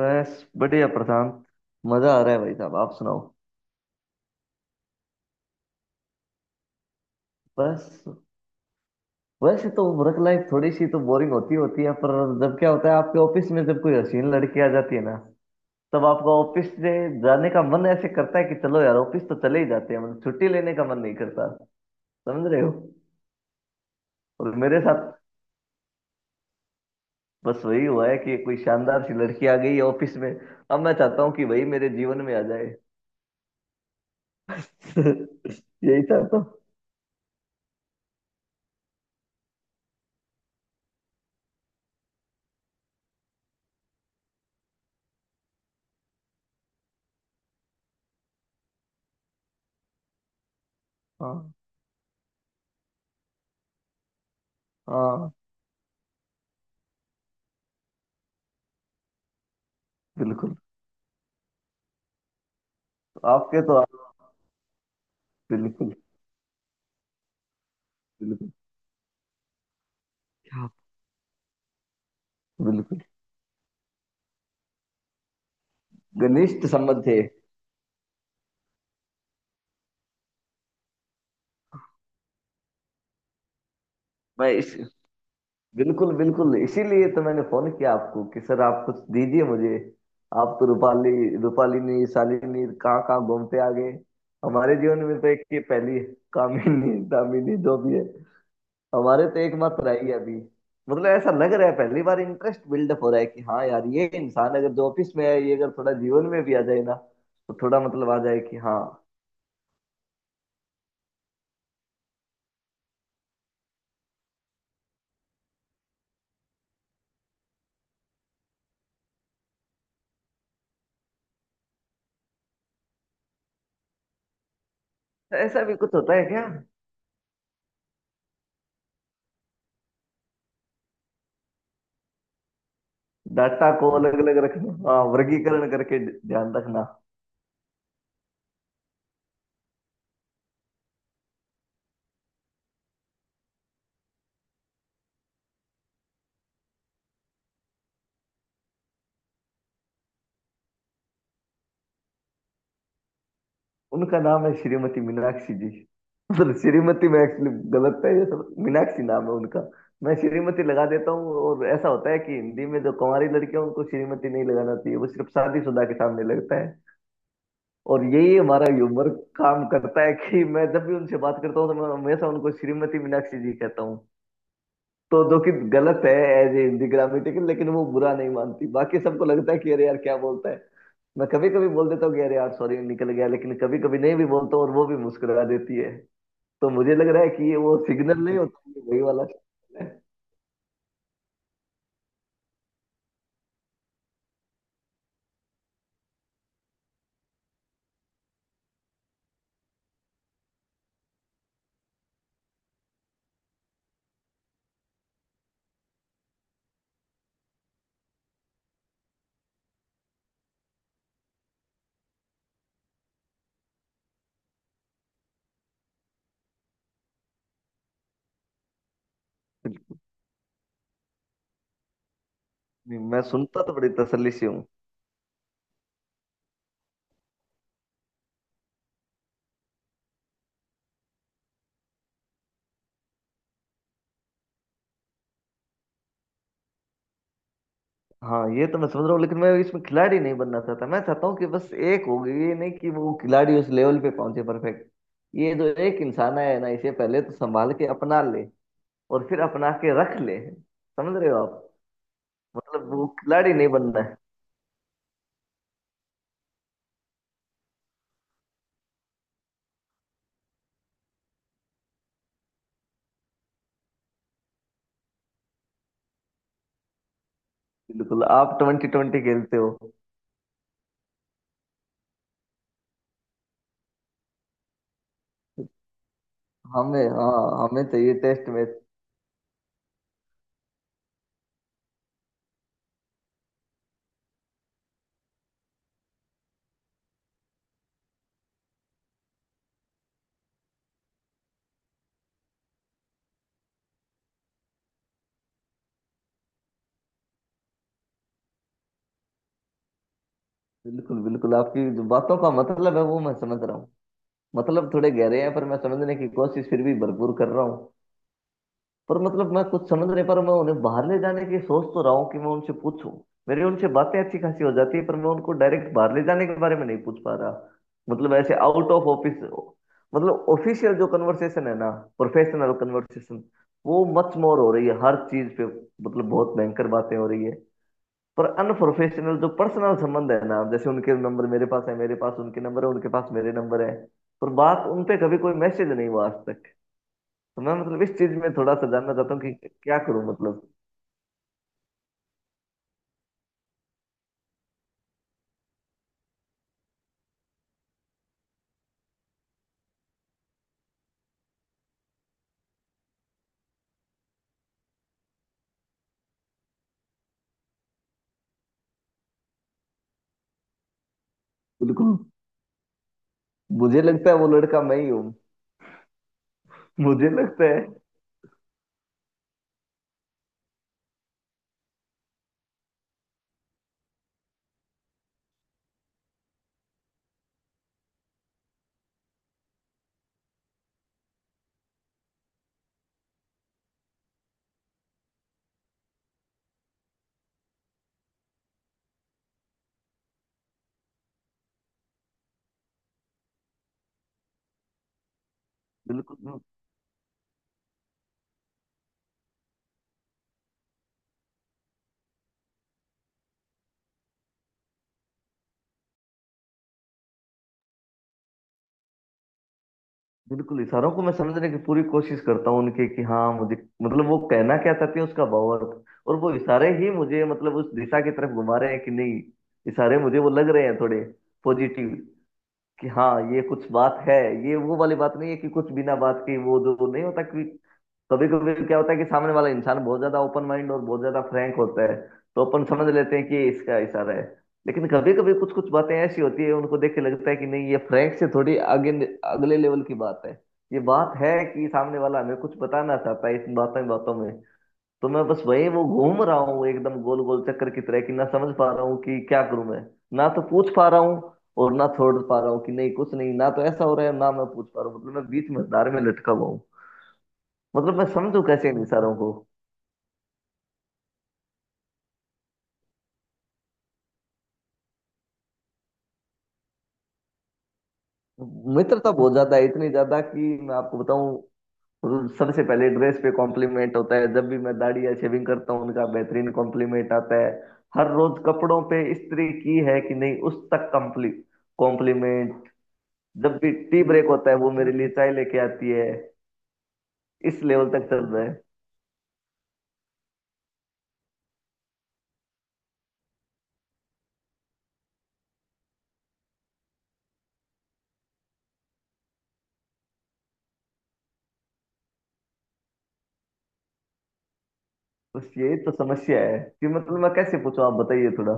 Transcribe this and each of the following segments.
बस बढ़िया प्रशांत। मजा आ रहा है भाई साहब, आप सुनाओ। बस वैसे तो वर्क लाइफ थोड़ी सी तो बोरिंग होती होती है, पर जब क्या होता है आपके ऑफिस में, जब कोई हसीन लड़की आ जाती है ना, तब आपका ऑफिस से जाने का मन ऐसे करता है कि चलो यार, ऑफिस तो चले ही जाते हैं, मतलब छुट्टी लेने का मन नहीं करता। समझ रहे हो। और मेरे साथ बस वही हुआ है कि कोई शानदार सी लड़की आ गई है ऑफिस में। अब मैं चाहता हूँ कि वही मेरे जीवन में आ जाए। यही चाहता हूँ। हाँ हाँ। बिल्कुल। आपके तो आप। बिल्कुल। बिल्कुल। क्या। बिल्कुल। घनिष्ठ संबंध थे। मैं इस, बिल्कुल बिल्कुल, इसीलिए तो मैंने फोन किया आपको कि सर आप कुछ दीजिए मुझे। आप तो रूपाली, रूपालिनी, शालिनी कहाँ कहाँ घूमते आ गए। हमारे जीवन में तो एक ही पहली है, कामिनी, दामिनी, जो भी है। हमारे तो एकमात्र आई है अभी। मतलब ऐसा लग रहा है पहली बार इंटरेस्ट बिल्डअप हो रहा है कि हाँ यार, ये इंसान अगर जो ऑफिस में है, ये अगर थोड़ा जीवन में भी आ जाए ना तो थोड़ा, मतलब आ जाए कि हाँ। ऐसा भी कुछ होता है क्या? डाटा को अलग अलग रखना, हाँ, वर्गीकरण करके ध्यान रखना। उनका नाम है श्रीमती मीनाक्षी जी। मतलब श्रीमती में एक्चुअली गलत है, ये सब, मीनाक्षी नाम है उनका। मैं श्रीमती लगा देता हूँ। और ऐसा होता है कि हिंदी में जो कुंवारी लड़कियां, उनको श्रीमती नहीं लगाना चाहिए, वो सिर्फ शादीशुदा के सामने लगता है। और यही हमारा ह्यूमर काम करता है कि मैं जब भी उनसे बात करता हूँ तो मैं हमेशा उनको श्रीमती मीनाक्षी जी कहता हूँ। तो जो कि गलत है एज ए हिंदी ग्रामेटिकल, लेकिन वो बुरा नहीं मानती। बाकी सबको लगता है कि अरे यार क्या बोलता है। मैं कभी कभी बोल देता हूँ कि अरे यार सॉरी निकल गया, लेकिन कभी कभी नहीं भी बोलता हूँ और वो भी मुस्कुरा देती है। तो मुझे लग रहा है कि ये वो सिग्नल नहीं होता, ये वही वाला signal है। नहीं, मैं सुनता तो बड़ी तसल्ली से हूँ। हाँ, ये तो मैं समझ रहा हूँ, लेकिन मैं इसमें खिलाड़ी नहीं बनना चाहता। मैं चाहता हूँ कि बस एक हो गई, ये नहीं कि वो खिलाड़ी उस लेवल पे पहुंचे, परफेक्ट। ये जो एक इंसान है ना, इसे पहले तो संभाल के अपना ले और फिर अपना के रख ले। समझ रहे हो आप। मतलब वो खिलाड़ी नहीं बनना है। बिल्कुल, आप ट्वेंटी ट्वेंटी खेलते हो। हमें, हाँ, हमें चाहिए टेस्ट मैच। बिल्कुल बिल्कुल, आपकी जो बातों का मतलब है वो मैं समझ रहा हूँ। मतलब थोड़े गहरे हैं, पर मैं समझने की कोशिश फिर भी भरपूर कर रहा हूँ। पर मतलब मैं कुछ समझ नहीं पा रहा हूं। मैं उन्हें बाहर ले जाने की सोच तो रहा हूँ कि मैं उनसे पूछूं। मेरी उनसे बातें अच्छी खासी हो जाती है, पर मैं उनको डायरेक्ट बाहर ले जाने के बारे में नहीं पूछ पा रहा। मतलब ऐसे आउट ऑफ ऑफिस, मतलब ऑफिशियल जो कन्वर्सेशन है ना, प्रोफेशनल कन्वर्सेशन, वो मच मोर हो रही है हर चीज पे। मतलब बहुत भयंकर बातें हो रही है। पर अनप्रोफेशनल जो पर्सनल संबंध है ना, जैसे उनके नंबर मेरे पास है, मेरे पास उनके नंबर है, उनके पास मेरे नंबर है, पर बात, उन पे कभी कोई मैसेज नहीं हुआ आज तक। तो मैं मतलब इस चीज में थोड़ा सा जानना चाहता हूँ कि क्या करूं, मतलब। बिल्कुल, मुझे लगता है वो लड़का मैं ही हूँ। मुझे लगता है। बिल्कुल बिल्कुल, इशारों को मैं समझने की पूरी कोशिश करता हूँ उनके, कि हाँ मुझे, मतलब वो कहना क्या चाहती है, उसका भावार्थ, और वो इशारे ही मुझे मतलब उस दिशा की तरफ घुमा रहे हैं कि नहीं। इशारे मुझे वो लग रहे हैं थोड़े पॉजिटिव, कि हाँ ये कुछ बात है। ये वो वाली बात नहीं है कि कुछ बिना बात के, वो जो नहीं होता कि, कभी कभी क्या होता है कि सामने वाला इंसान बहुत ज्यादा ओपन माइंड और बहुत ज्यादा फ्रैंक होता है, तो अपन समझ लेते हैं कि ये इसका इशारा है। लेकिन कभी कभी कुछ कुछ बातें ऐसी होती है, उनको देख के लगता है कि नहीं, ये फ्रैंक से थोड़ी आगे अगले लेवल की बात है। ये बात है कि सामने वाला हमें कुछ बताना चाहता है इन बातों बातों में। तो मैं बस वही वो घूम रहा हूँ एकदम गोल गोल चक्कर की तरह कि ना समझ पा रहा हूँ कि क्या करूं मैं। ना तो पूछ पा रहा हूँ और ना छोड़ पा रहा हूँ कि नहीं कुछ नहीं, ना तो ऐसा हो रहा है, ना मैं पूछ पा रहा हूँ, मतलब मैं बीच में धार में लटका हुआ हूँ। मतलब मैं समझू कैसे इन इशारों को। मित्रता बहुत ज्यादा है, इतनी ज्यादा कि मैं आपको बताऊं, सबसे पहले ड्रेस पे कॉम्प्लीमेंट होता है, जब भी मैं दाढ़ी या शेविंग करता हूँ उनका बेहतरीन कॉम्प्लीमेंट आता है। हर रोज कपड़ों पे इस्त्री की है कि नहीं, उस तक कम्प्ली कॉम्प्लीमेंट। जब भी टी ब्रेक होता है वो मेरे लिए चाय लेके आती है। इस लेवल तक चल रहा है। बस यही तो समस्या है कि मतलब मैं कैसे पूछूं, आप बताइए थोड़ा।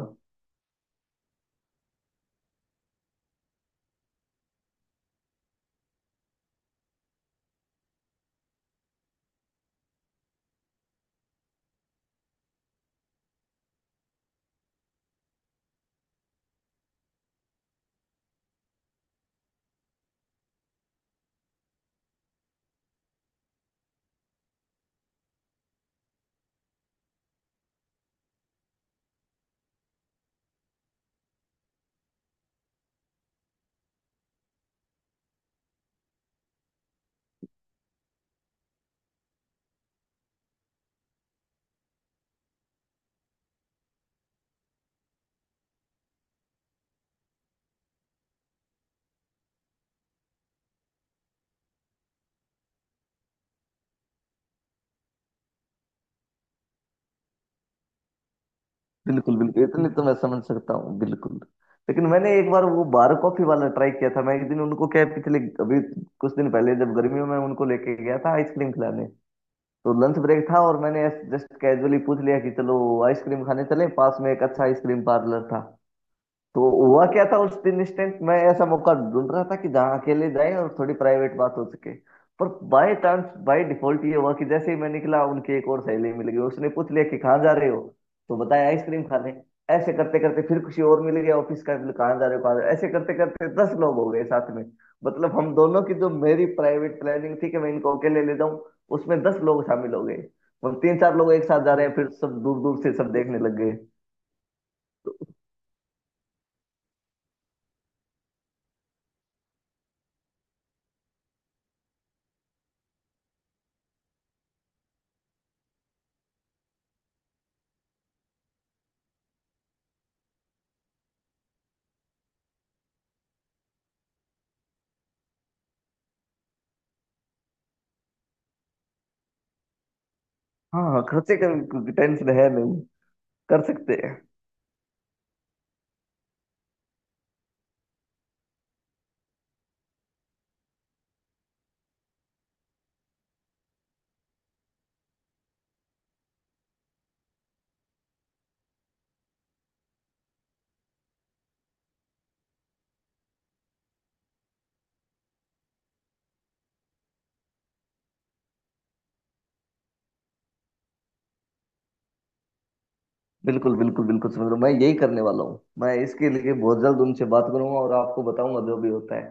बिल्कुल बिल्कुल, इतने तो मैं समझ सकता हूँ, बिल्कुल। लेकिन मैंने एक बार वो बार कॉफी वाला ट्राई किया था। मैं एक दिन उनको क्या है, पिछले, अभी कुछ दिन पहले जब गर्मियों में उनको लेके गया था आइसक्रीम खिलाने, तो लंच ब्रेक था और मैंने जस्ट कैजुअली पूछ लिया कि चलो आइसक्रीम खाने चले, पास में एक अच्छा आइसक्रीम पार्लर था। तो हुआ क्या था उस दिन, इंस्टेंट मैं ऐसा मौका ढूंढ रहा था कि जहाँ अकेले जाए और थोड़ी प्राइवेट बात हो सके, पर बाय चांस बाय डिफॉल्ट ये हुआ कि जैसे ही मैं निकला, उनकी एक और सहेली मिल गई, उसने पूछ लिया कि कहाँ जा रहे हो, तो बताया आइसक्रीम खाने। ऐसे करते करते फिर किसी और मिल गया ऑफिस का, बोले, "कहाँ जा रहे हो, कहाँ जा रहे हो?" ऐसे करते करते दस लोग हो गए साथ में। मतलब हम दोनों की, जो मेरी प्राइवेट प्लानिंग थी कि मैं इनको अकेले ले जाऊं, उसमें दस लोग शामिल हो गए। और तीन चार लोग एक साथ जा रहे हैं, फिर सब दूर दूर से सब देखने लग गए। तो हाँ हाँ, खर्चे का टेंशन है नहीं, कर सकते हैं। बिल्कुल बिल्कुल बिल्कुल समझ रहा हूँ, मैं यही करने वाला हूँ। मैं इसके लिए बहुत जल्द उनसे बात करूंगा और आपको बताऊंगा जो भी होता है।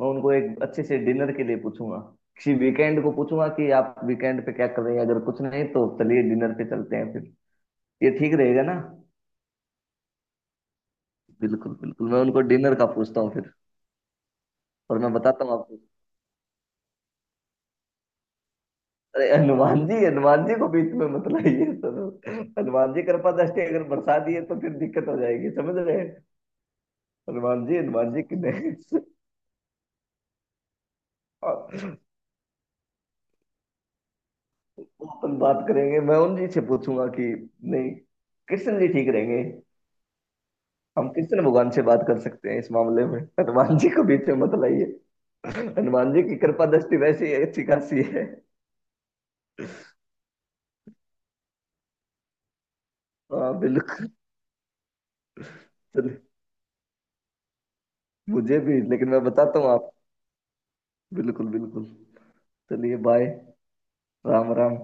मैं उनको एक अच्छे से डिनर के लिए पूछूंगा, किसी वीकेंड को पूछूंगा कि आप वीकेंड पे क्या कर रहे हैं, अगर कुछ नहीं तो चलिए डिनर पे चलते हैं फिर। ये ठीक रहेगा ना? बिल्कुल बिल्कुल, मैं उनको डिनर का पूछता हूँ फिर, और मैं बताता हूँ आपको। अरे हनुमान जी, हनुमान जी को बीच में मत लाइए सर। हनुमान जी कृपा दृष्टि अगर बरसा दिए तो फिर दिक्कत हो जाएगी, समझ रहे हैं। हनुमान जी, हनुमान जी की नहीं। वो, अपन बात करेंगे, मैं उन जी से पूछूंगा कि, नहीं, कृष्ण जी ठीक रहेंगे। हम कृष्ण भगवान से बात कर सकते हैं इस मामले में, हनुमान जी को बीच में मत लाइए, हनुमान जी की कृपा दृष्टि वैसी अच्छी खासी है। हाँ बिल्कुल। चलिए, मुझे भी, लेकिन मैं बताता हूँ आप। बिल्कुल बिल्कुल। चलिए बाय। राम राम।